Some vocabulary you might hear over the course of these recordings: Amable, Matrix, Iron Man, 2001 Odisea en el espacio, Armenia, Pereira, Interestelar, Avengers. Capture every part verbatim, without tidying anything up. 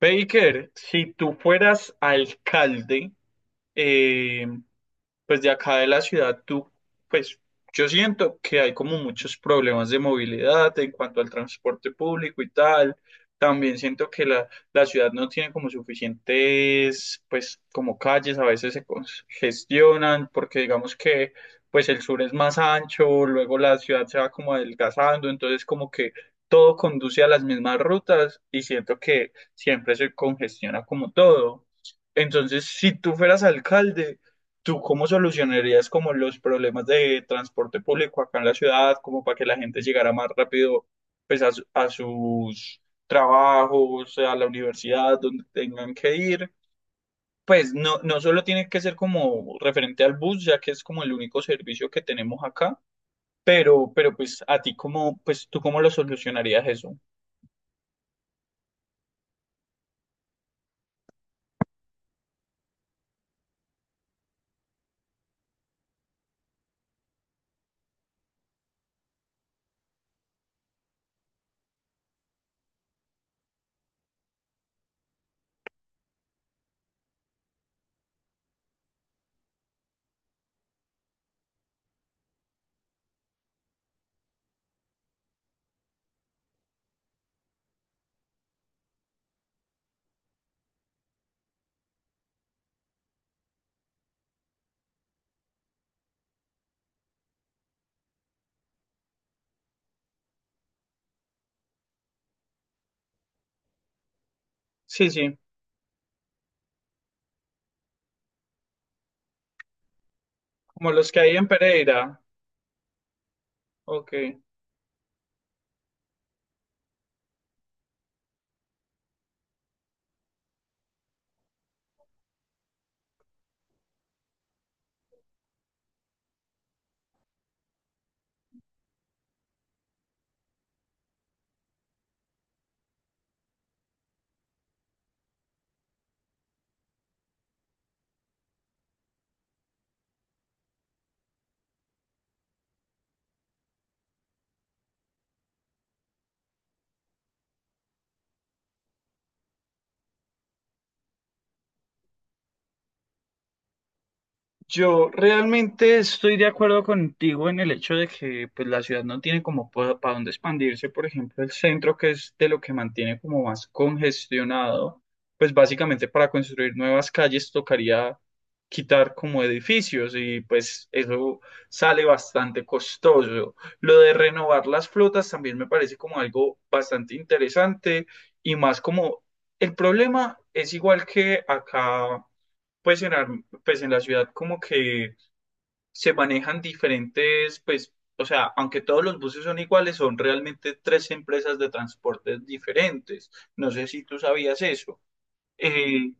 Baker, si tú fueras alcalde, eh, pues de acá de la ciudad, tú, pues yo siento que hay como muchos problemas de movilidad en cuanto al transporte público y tal. También siento que la, la ciudad no tiene como suficientes, pues como calles, a veces se congestionan porque digamos que pues el sur es más ancho, luego la ciudad se va como adelgazando, entonces como que todo conduce a las mismas rutas y siento que siempre se congestiona como todo. Entonces, si tú fueras alcalde, ¿tú cómo solucionarías como los problemas de transporte público acá en la ciudad, como para que la gente llegara más rápido pues a, su- a sus trabajos, a la universidad, donde tengan que ir? Pues no, no solo tiene que ser como referente al bus, ya que es como el único servicio que tenemos acá, pero, pero pues a ti cómo, pues tú cómo lo solucionarías eso. Sí, sí, como los que hay en Pereira. Ok. Yo realmente estoy de acuerdo contigo en el hecho de que pues, la ciudad no tiene como para dónde expandirse. Por ejemplo, el centro, que es de lo que mantiene como más congestionado, pues básicamente para construir nuevas calles tocaría quitar como edificios y pues eso sale bastante costoso. Lo de renovar las flotas también me parece como algo bastante interesante y más como el problema es igual que acá. Pues en, Ar- pues en la ciudad como que se manejan diferentes, pues, o sea, aunque todos los buses son iguales, son realmente tres empresas de transportes diferentes. No sé si tú sabías eso. Eh,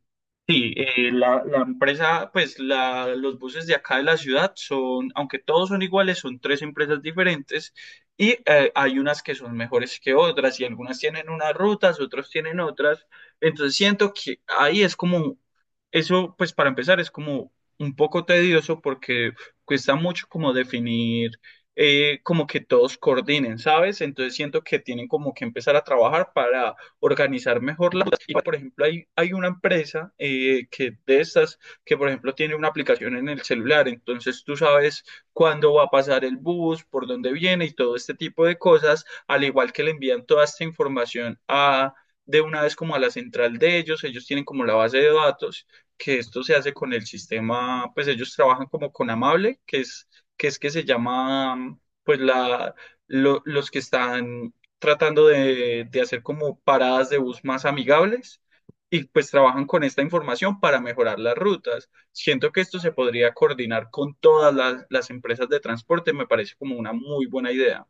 Sí, eh, la, la empresa, pues la, los buses de acá de la ciudad son, aunque todos son iguales, son tres empresas diferentes y eh, hay unas que son mejores que otras y algunas tienen unas rutas, otros tienen otras. Entonces siento que ahí es como, eso pues para empezar es como un poco tedioso porque cuesta mucho como definir, eh, como que todos coordinen, ¿sabes? Entonces siento que tienen como que empezar a trabajar organizar mejor las cosas. Y, por ejemplo, hay, hay una empresa eh, que de estas, que por ejemplo tiene una aplicación en el celular, entonces tú sabes cuándo va a pasar el bus, por dónde viene y todo este tipo de cosas, al igual que le envían toda esta información a de una vez como a la central de ellos, ellos tienen como la base de datos, que esto se hace con el sistema, pues ellos trabajan como con Amable, que es que, es que se llama, pues la, lo- los que están tratando de, de hacer como paradas de bus más amigables y pues trabajan con esta información para mejorar las rutas. Siento que esto se podría coordinar con todas las, las empresas de transporte, me parece como una muy buena idea.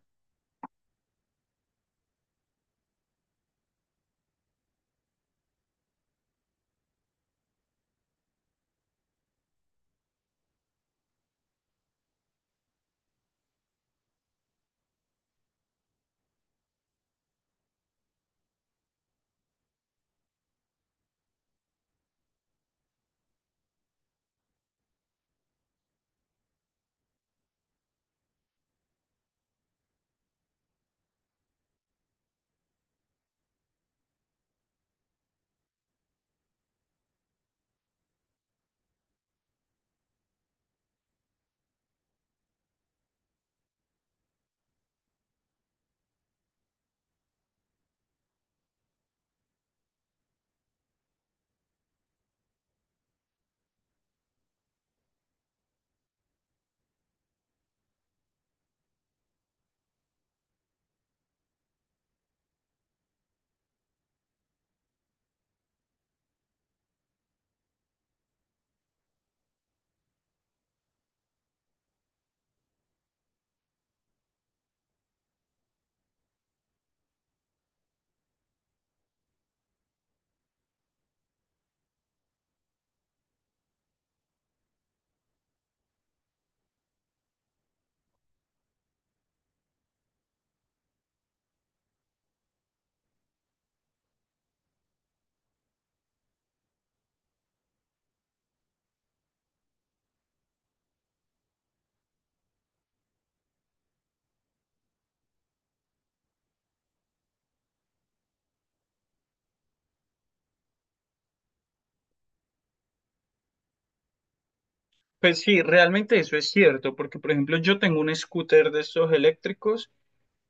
Pues sí, realmente eso es cierto, porque por ejemplo yo tengo un scooter de estos eléctricos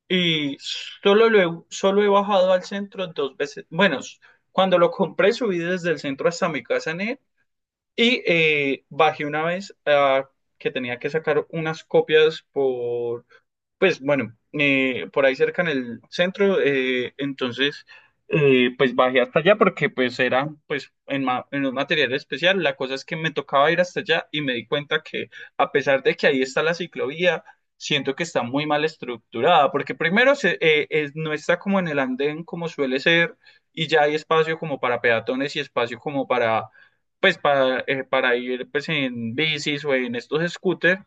y solo lo he, solo he bajado al centro dos veces. Bueno, s- cuando lo compré subí desde el centro hasta mi casa en él. Y eh, bajé una vez ah, que tenía que sacar unas copias por pues bueno, eh, por ahí cerca en el centro, eh, entonces eh, pues bajé hasta allá porque pues era pues en, ma- en un material especial. La cosa es que me tocaba ir hasta allá y me di cuenta que a pesar de que ahí está la ciclovía, siento que está muy mal estructurada porque primero se, eh, es- no está como en el andén como suele ser y ya hay espacio como para peatones y espacio como para pues para, eh, para ir pues en bicis o en estos scooters.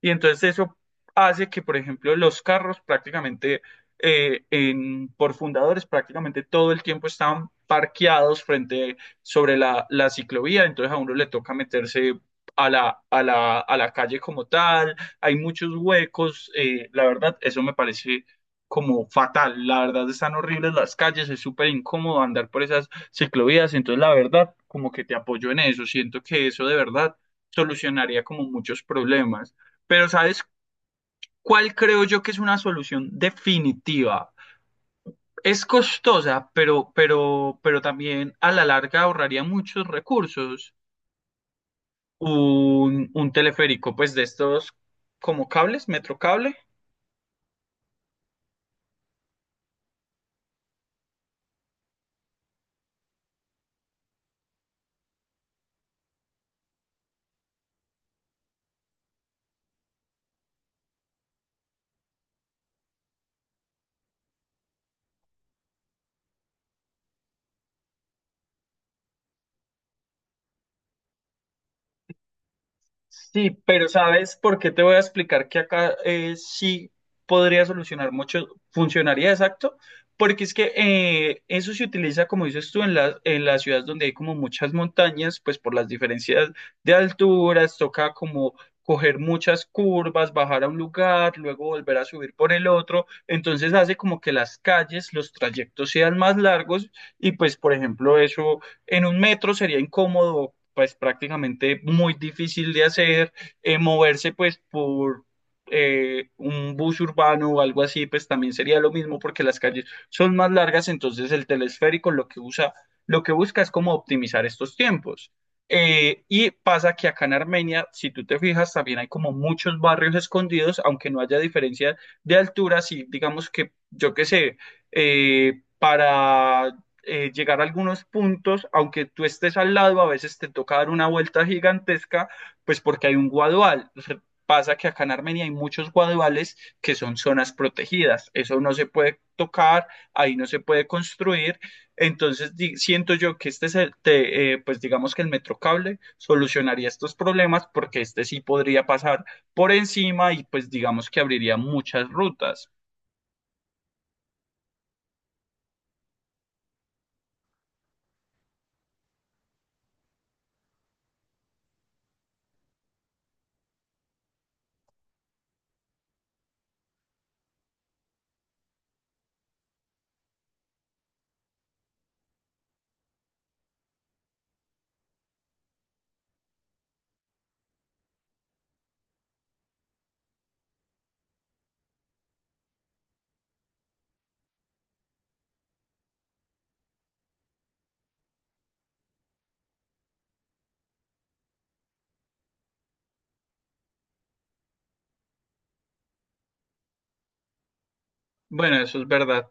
Y entonces eso hace que, por ejemplo, los carros prácticamente, eh, en- por fundadores, prácticamente todo el tiempo están parqueados frente sobre la, la ciclovía, entonces a uno le toca meterse a la, a la, a la calle como tal, hay muchos huecos, eh, la verdad, eso me parece como fatal, la verdad están horribles las calles, es súper incómodo andar por esas ciclovías, entonces la verdad, como que te apoyo en eso, siento que eso de verdad solucionaría como muchos problemas. Pero ¿sabes cuál creo yo que es una solución definitiva? Es costosa, pero, pero, pero también a la larga ahorraría muchos recursos. Un, un teleférico, pues de estos como cables, metrocable. Sí, pero ¿sabes por qué te voy a explicar que acá eh, sí podría solucionar mucho, funcionaría exacto? Porque es que eh, eso se utiliza, como dices tú, en las, en las ciudades donde hay como muchas montañas, pues por las diferencias de alturas, toca como coger muchas curvas, bajar a un lugar, luego volver a subir por el otro. Entonces hace como que las calles, los trayectos sean más largos y pues, por ejemplo, eso en un metro sería incómodo, pues prácticamente muy difícil de hacer, eh, moverse pues por eh, un bus urbano o algo así, pues también sería lo mismo porque las calles son más largas, entonces el telesférico lo que usa, lo que busca es como optimizar estos tiempos. Eh, y pasa que acá en Armenia, si tú te fijas, también hay como muchos barrios escondidos, aunque no haya diferencia de altura, si digamos que, yo qué sé, eh, para eh, llegar a algunos puntos, aunque tú estés al lado, a veces te toca dar una vuelta gigantesca, pues porque hay un guadual. Pasa que acá en Armenia hay muchos guaduales que son zonas protegidas. Eso no se puede tocar, ahí no se puede construir. Entonces di- siento yo que este es el, te- eh, pues digamos que el metrocable solucionaría estos problemas porque este sí podría pasar por encima y pues digamos que abriría muchas rutas. Bueno, eso es verdad.